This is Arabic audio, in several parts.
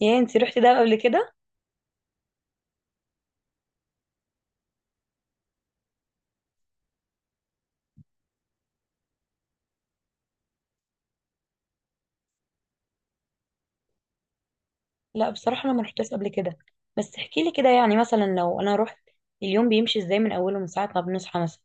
يا انت رحتي دهب قبل كده؟ لا، بصراحه انا ما رحتش قبل كده. بس احكي لي كده، يعني مثلا لو انا رحت، اليوم بيمشي ازاي من اوله، من ساعه ما بنصحى مثلا؟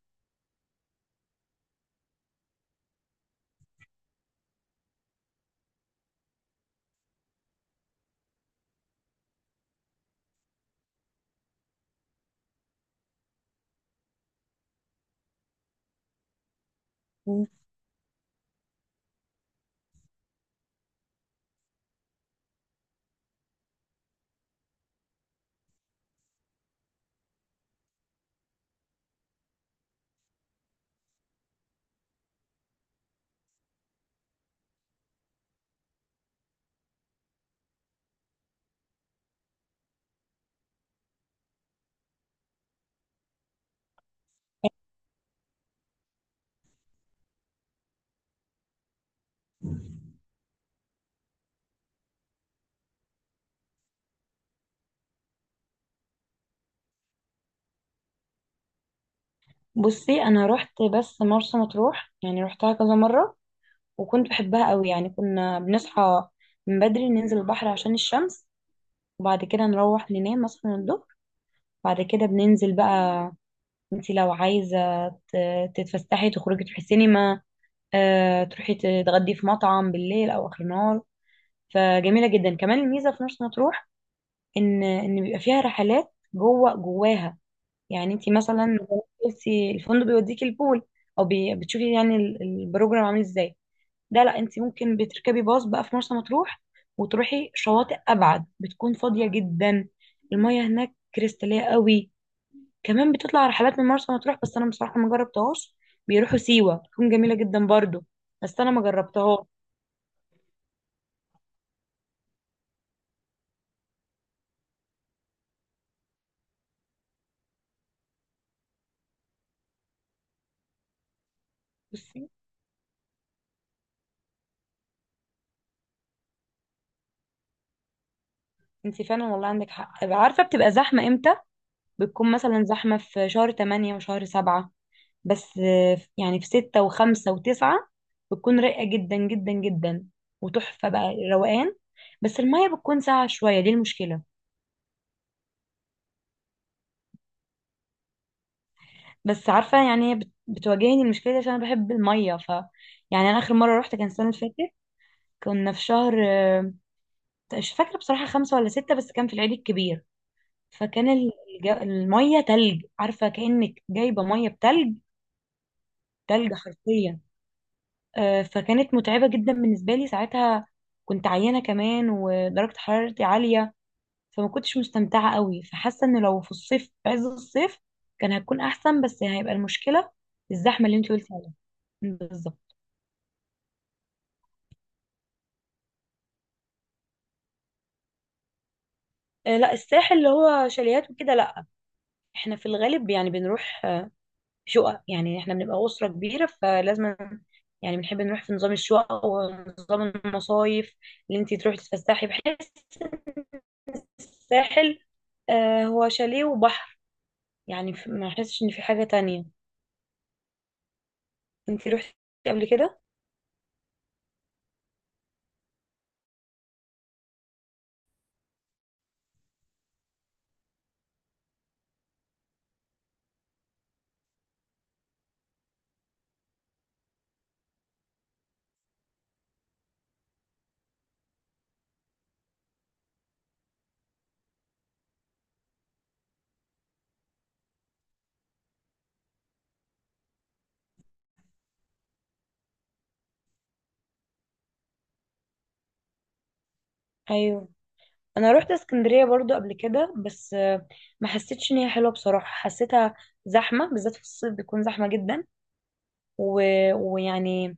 مم. بصي، انا رحت بس مرسى مطروح، يعني رحتها كذا مره وكنت بحبها قوي. يعني كنا بنصحى من بدري ننزل البحر عشان الشمس، وبعد كده نروح ننام مثلا الظهر، بعد كده بننزل بقى. انت لو عايزه تتفسحي تخرجي تروحي سينما، تروحي تتغدي في مطعم بالليل او اخر النهار. فجميله جدا كمان الميزه في مرسى مطروح ان بيبقى فيها رحلات جوه جواها. يعني انت مثلا قلتي الفندق بيوديكي البول، او بتشوفي يعني البروجرام عامل ازاي. ده لا، انت ممكن بتركبي باص بقى في مرسى مطروح وتروحي شواطئ ابعد بتكون فاضيه جدا. المياه هناك كريستاليه قوي. كمان بتطلع رحلات من مرسى مطروح بس انا بصراحه ما جربتهاش. بيروحوا سيوه، بتكون جميله جدا برضو، بس انا ما جربتهاش. بصي، انت فعلا والله عندك حق. عارفه بتبقى زحمه امتى؟ بتكون مثلا زحمة في شهر تمانية وشهر سبعة، بس يعني في ستة وخمسة وتسعة بتكون رايقة جدا جدا جدا، وتحفة بقى، روقان. بس المية بتكون ساقعة شوية، دي المشكلة. بس عارفة، يعني هي بتواجهني المشكلة دي عشان أنا بحب المية. ف يعني أنا آخر مرة روحت كان السنة اللي فاتت. كنا في شهر، مش فاكرة بصراحة، خمسة ولا ستة، بس كان في العيد الكبير. فكان المية تلج، عارفة كأنك جايبة مية بتلج. تلج حرفيا. فكانت متعبة جدا بالنسبة لي ساعتها، كنت عيانة كمان ودرجة حرارتي عالية، فما كنتش مستمتعة قوي. فحاسة ان لو في الصيف، في عز الصيف، كان هتكون احسن، بس هيبقى المشكلة الزحمة اللي انت قلتي عليها بالظبط. لا الساحل اللي هو شاليهات وكده لا. احنا في الغالب يعني بنروح شقق، يعني احنا بنبقى أسرة كبيرة، فلازم يعني بنحب نروح في نظام الشقق ونظام المصايف، اللي انت تروحي تتفسحي. بحس الساحل، هو شاليه وبحر، يعني ما احسش ان في حاجة تانية. انتي روحتي قبل كده؟ ايوه، انا روحت اسكندرية برضو قبل كده، بس ما حسيتش ان هي حلوة بصراحة، حسيتها زحمة، بالذات في الصيف بيكون زحمة جدا، و... ويعني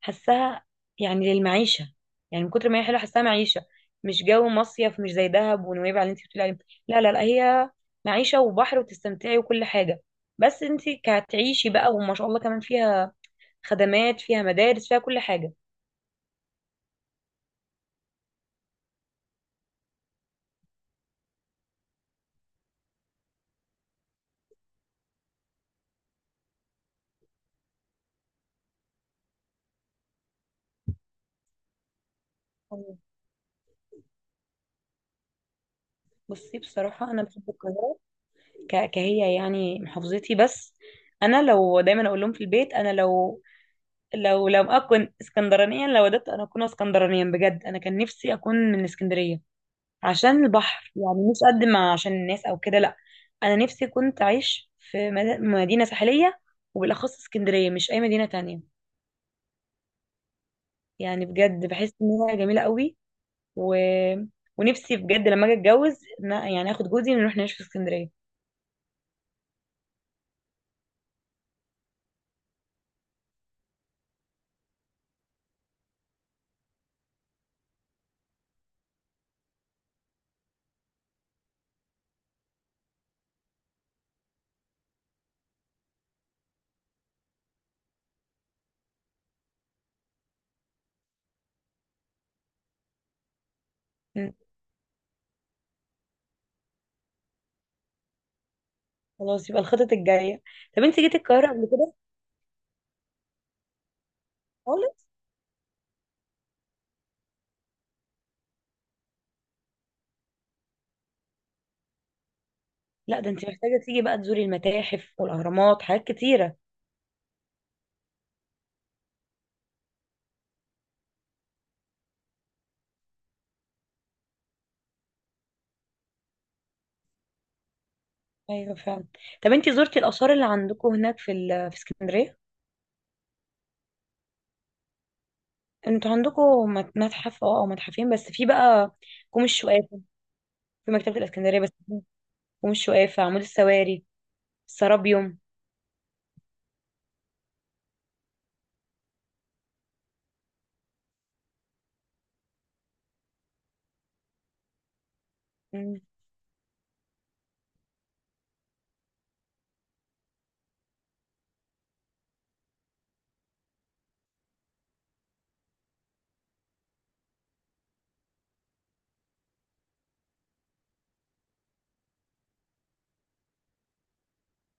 حسها يعني للمعيشة، يعني من كتر ما هي حلوة حسها معيشة، مش جو مصيف، مش زي دهب ونويبع اللي انتي بتقولي عليه. لا لا لا، هي معيشة وبحر وتستمتعي وكل حاجة، بس انتي كتعيشي بقى. وما شاء الله كمان فيها خدمات، فيها مدارس، فيها كل حاجة. بصي بصراحة أنا بحب القاهرة كهي يعني، محافظتي. بس أنا لو، دايما أقول لهم في البيت، أنا لو أكون اسكندرانيا، لو ودت أنا أكون اسكندرانيا بجد، أنا كان نفسي أكون من اسكندرية عشان البحر، يعني مش قد ما عشان الناس أو كده، لأ. أنا نفسي كنت أعيش في مدينة ساحلية، وبالأخص اسكندرية، مش أي مدينة تانية. يعني بجد بحس إنها جميلة قوي. و... ونفسي بجد لما أجي أتجوز، يعني آخد جوزي ونروح نعيش في اسكندرية. خلاص يبقى الخطط الجايه. طب انت جيتي القاهره قبل كده؟ خالص؟ لا، ده انت محتاجه تيجي بقى تزوري المتاحف والاهرامات، حاجات كتيره. ايوه فعلا. طب انت زرتي الاثار اللي عندكم هناك في في اسكندريه؟ انتوا عندكم متحف اه، او متحفين بس، في بقى كوم الشقافه، في مكتبه الاسكندريه بس، كوم الشقافه، عمود السواري، السرابيوم. مم.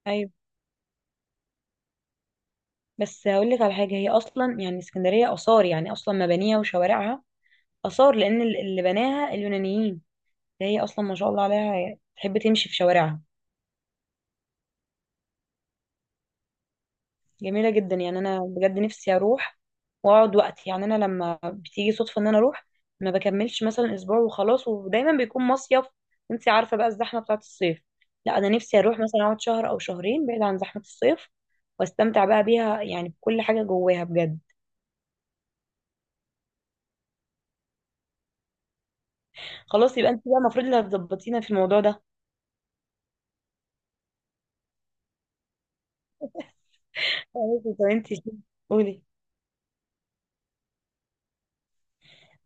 ايوه، بس هقول لك على حاجه. هي اصلا يعني اسكندريه اثار، يعني اصلا مبانيها وشوارعها اثار لان اللي بناها اليونانيين. ده هي اصلا ما شاء الله عليها، تحب تمشي في شوارعها. جميلة جدا. يعني أنا بجد نفسي أروح وأقعد وقت. يعني أنا لما بتيجي صدفة إن أنا أروح ما بكملش مثلا أسبوع وخلاص، ودايما بيكون مصيف، أنت عارفة بقى الزحمة بتاعة الصيف. لا، أنا نفسي أروح مثلا أقعد شهر أو شهرين، بعيد عن زحمة الصيف، واستمتع بقى بيها يعني بكل حاجة جواها بجد. خلاص يبقى أنت بقى المفروض اللي هتظبطينا في الموضوع ده. طب أنت قولي.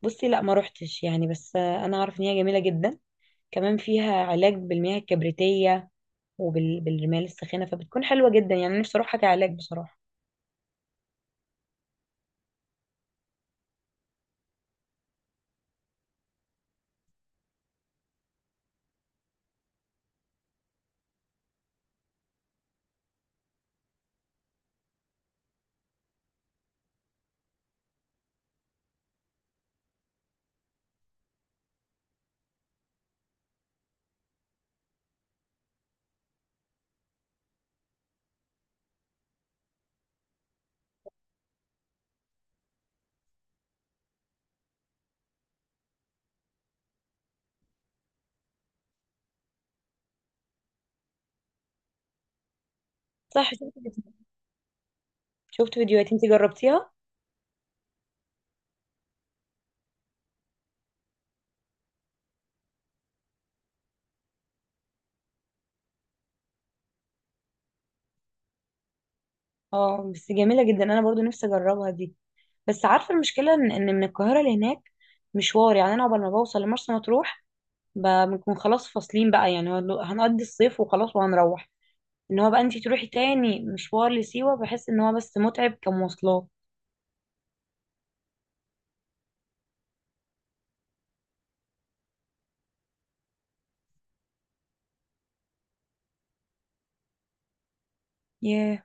بصي لا، ما روحتش يعني، بس أنا عارف إن هي جميلة جدا. كمان فيها علاج بالمياه الكبريتية وبالرمال الساخنة، فبتكون حلوة جدا. يعني نفسي اروح علاج بصراحة. صح، شفت. شفت فيديوهات. انت جربتيها؟ اه بس جميلة جدا، انا برضو نفسي اجربها دي. بس عارفة المشكلة إن من القاهرة لهناك مشوار، يعني انا عقبال ما بوصل لمرسى مطروح بنكون خلاص فاصلين بقى. يعني هنقضي الصيف وخلاص وهنروح. ان هو بقى انت تروحي تاني مشوار لسيوة، بحس ان هو بس متعب كمواصلات. ياه.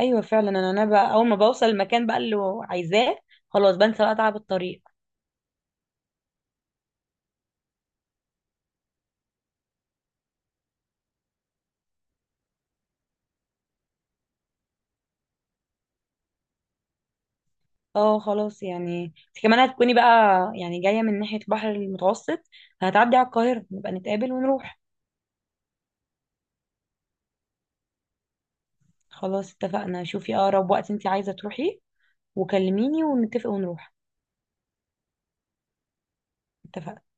ايوه فعلا. انا بقى اول ما بوصل المكان بقى اللي عايزاه، خلاص بنسى بقى تعب الطريق. اه خلاص، يعني انت كمان هتكوني بقى يعني جاية من ناحية البحر المتوسط، هتعدي على القاهرة، نبقى نتقابل ونروح. خلاص اتفقنا. شوفي اقرب وقت انت عايزة تروحي وكلميني ونتفق ونروح. اتفقنا.